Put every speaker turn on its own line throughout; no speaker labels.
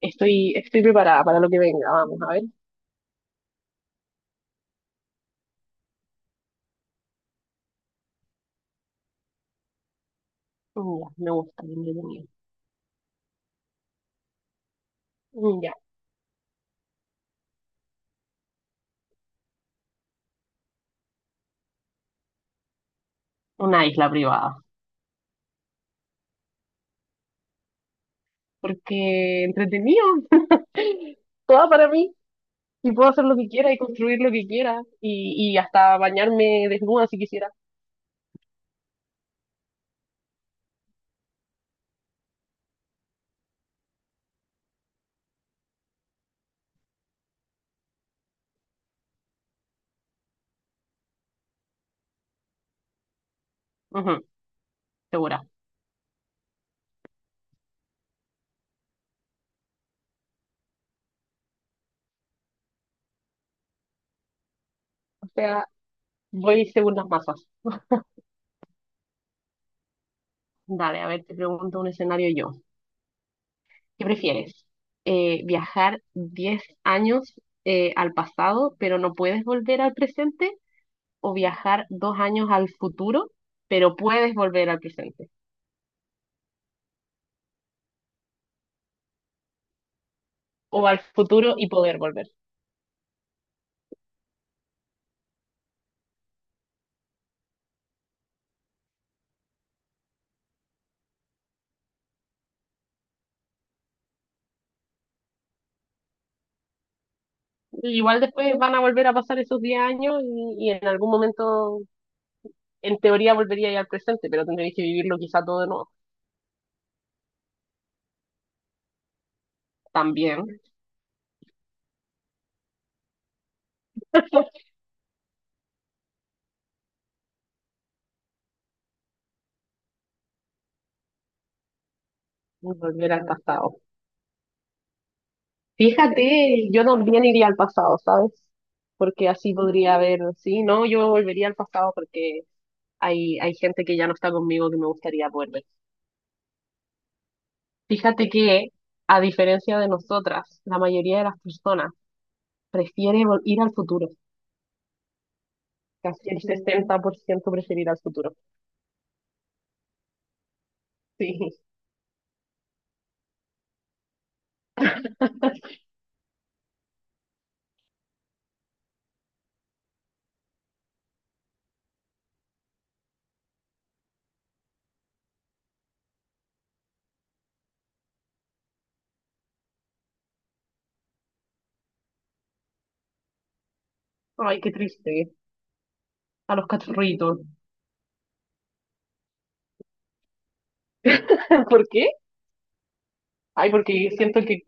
Estoy preparada para lo que venga, vamos a ver. Mm, ya, me gusta, bien entretenido. Mm, ya. Una isla privada. Porque entretenido, toda para mí. Y puedo hacer lo que quiera y construir lo que quiera. Y hasta bañarme desnuda si quisiera. Ujú, segura. O sea, voy según las masas. Dale, a ver, te pregunto un escenario yo. ¿Qué prefieres? ¿Viajar 10 años al pasado, pero no puedes volver al presente, o viajar 2 años al futuro, pero puedes volver al presente? O al futuro y poder volver. Igual después van a volver a pasar esos 10 años y en algún momento, en teoría, volvería ya al presente, pero tendréis que vivirlo quizá todo de nuevo. También volver al pasado. Fíjate, yo también iría al pasado, ¿sabes? Porque así podría haber, sí, no, yo volvería al pasado porque hay gente que ya no está conmigo que me gustaría volver. Fíjate que, a diferencia de nosotras, la mayoría de las personas prefiere ir al futuro. Casi el 60% prefiere ir al futuro. Sí. Ay, qué triste. A los cachorritos. ¿Por qué? Ay, porque siento que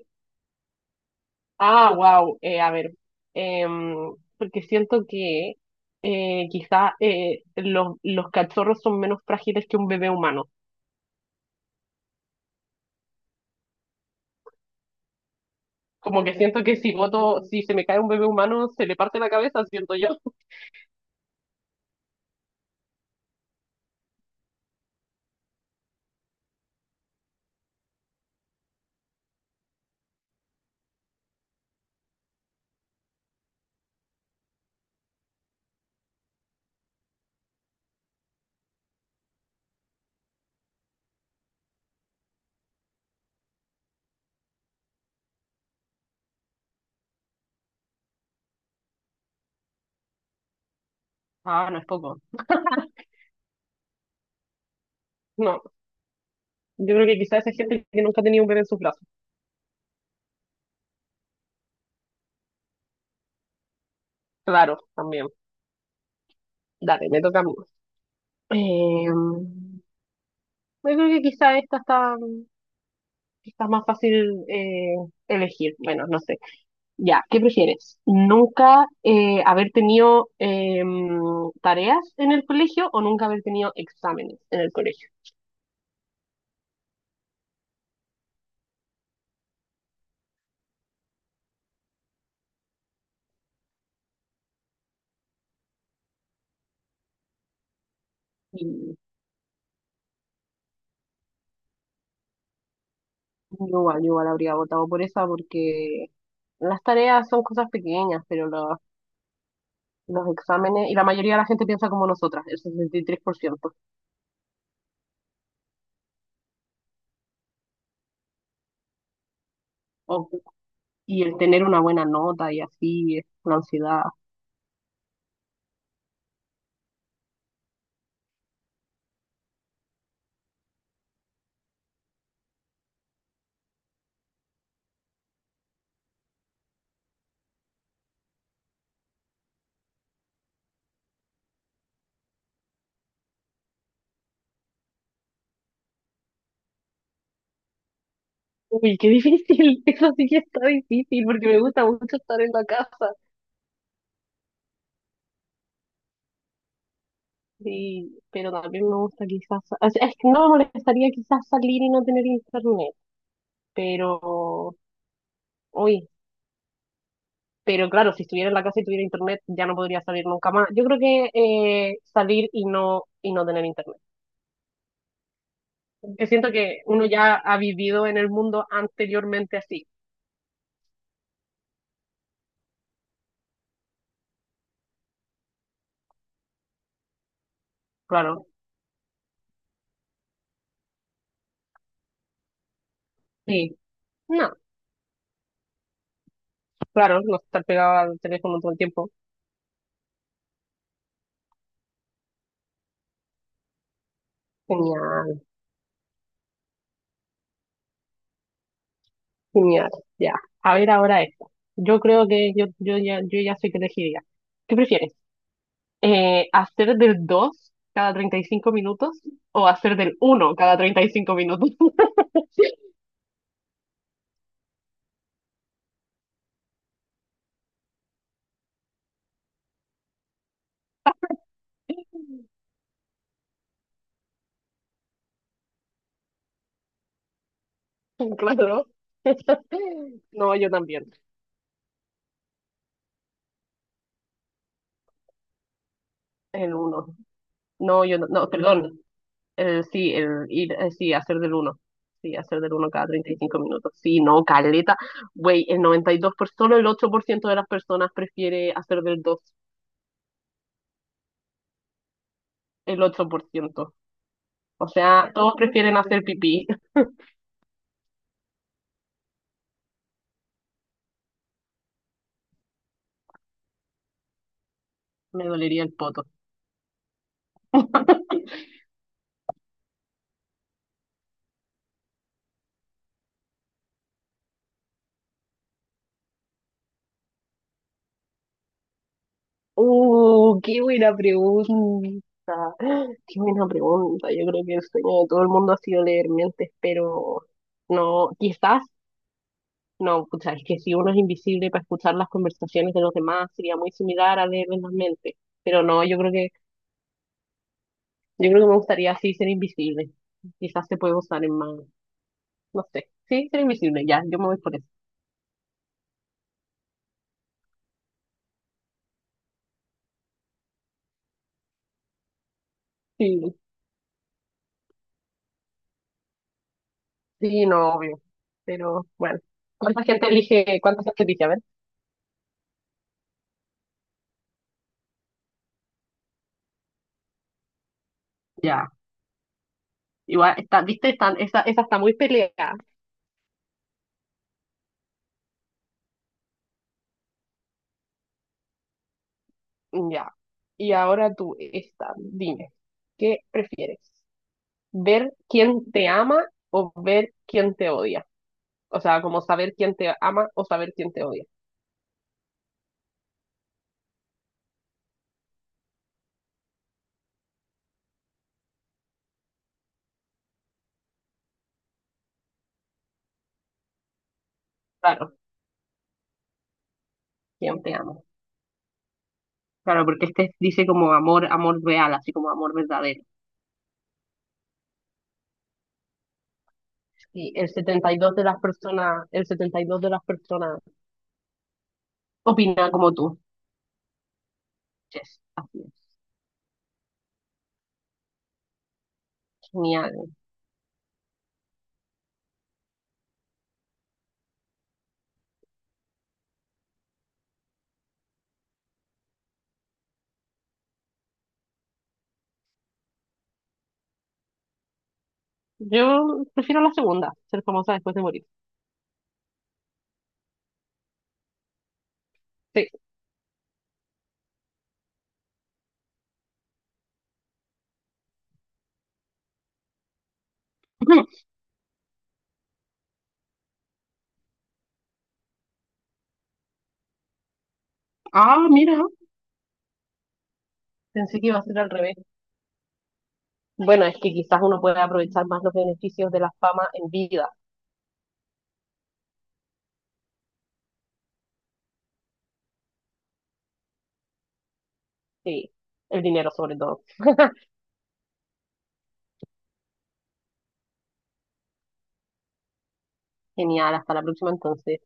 ah, wow, a ver. Porque siento que quizá los cachorros son menos frágiles que un bebé humano. Como que siento que si se me cae un bebé humano, se le parte la cabeza, siento yo. Ah, no es poco. No. Yo creo que quizás esa gente que nunca ha tenido un bebé en sus brazos. Claro, también. Dale, me toca a mí. Eh, yo creo que quizás esta está más fácil elegir. Bueno, no sé. Ya, ¿qué prefieres? ¿Nunca haber tenido tareas en el colegio o nunca haber tenido exámenes en el colegio? Y yo igual habría votado por esa porque las tareas son cosas pequeñas, pero los exámenes, y la mayoría de la gente piensa como nosotras, el 63%. o- y el tener una buena nota y así, es la ansiedad. Uy, qué difícil, eso sí que está difícil porque me gusta mucho estar en la casa, sí, pero también me gusta quizás, o sea, es que no me molestaría quizás salir y no tener internet, pero, uy, pero, claro, si estuviera en la casa y tuviera internet ya no podría salir nunca más. Yo creo que salir y no tener internet, que siento que uno ya ha vivido en el mundo anteriormente así, claro, sí, no. Claro, no estar pegado al teléfono todo el tiempo. Genial, genial. Ya. A ver ahora esto. Yo creo que yo ya sé que elegiría. ¿Qué prefieres? ¿Hacer del 2 cada 35 minutos o hacer del uno cada 35 minutos? Claro. No, yo también. El uno. No, yo no, no, perdón. Sí, sí, hacer del uno. Sí, hacer del uno cada 35 minutos. Sí, no, caleta. Güey, el noventa y dos por, solo el 8% de las personas prefiere hacer del dos. El 8%. O sea, todos prefieren hacer pipí. Me dolería el poto. Qué buena pregunta. Qué buena pregunta. Yo creo que el sueño de todo el mundo ha sido leer mentes, pero no, quizás. No, o sea, es que si uno es invisible para escuchar las conversaciones de los demás, sería muy similar a leer en las mentes. Pero no, yo creo que me gustaría sí ser invisible. Quizás se puede usar en más, no sé. Sí, ser invisible, ya, yo me voy por eso. Sí, sí, no, obvio. Pero bueno, ¿cuánta gente elige? A ver, ya. Igual, viste, esa está muy peleada. Ya. Y ahora tú, esta, dime, ¿qué prefieres? ¿Ver quién te ama o ver quién te odia? O sea, como saber quién te ama o saber quién te odia. Claro, quién te ama. Claro, porque este dice como amor, amor real, así como amor verdadero. Y el 72 de las personas, el 72 de las personas opina como tú. Yes, así es. Genial. Yo prefiero la segunda, ser famosa después de morir. Sí, ah, mira, pensé que iba a ser al revés. Bueno, es que quizás uno puede aprovechar más los beneficios de la fama en vida. Sí, el dinero sobre todo. Genial, hasta la próxima entonces.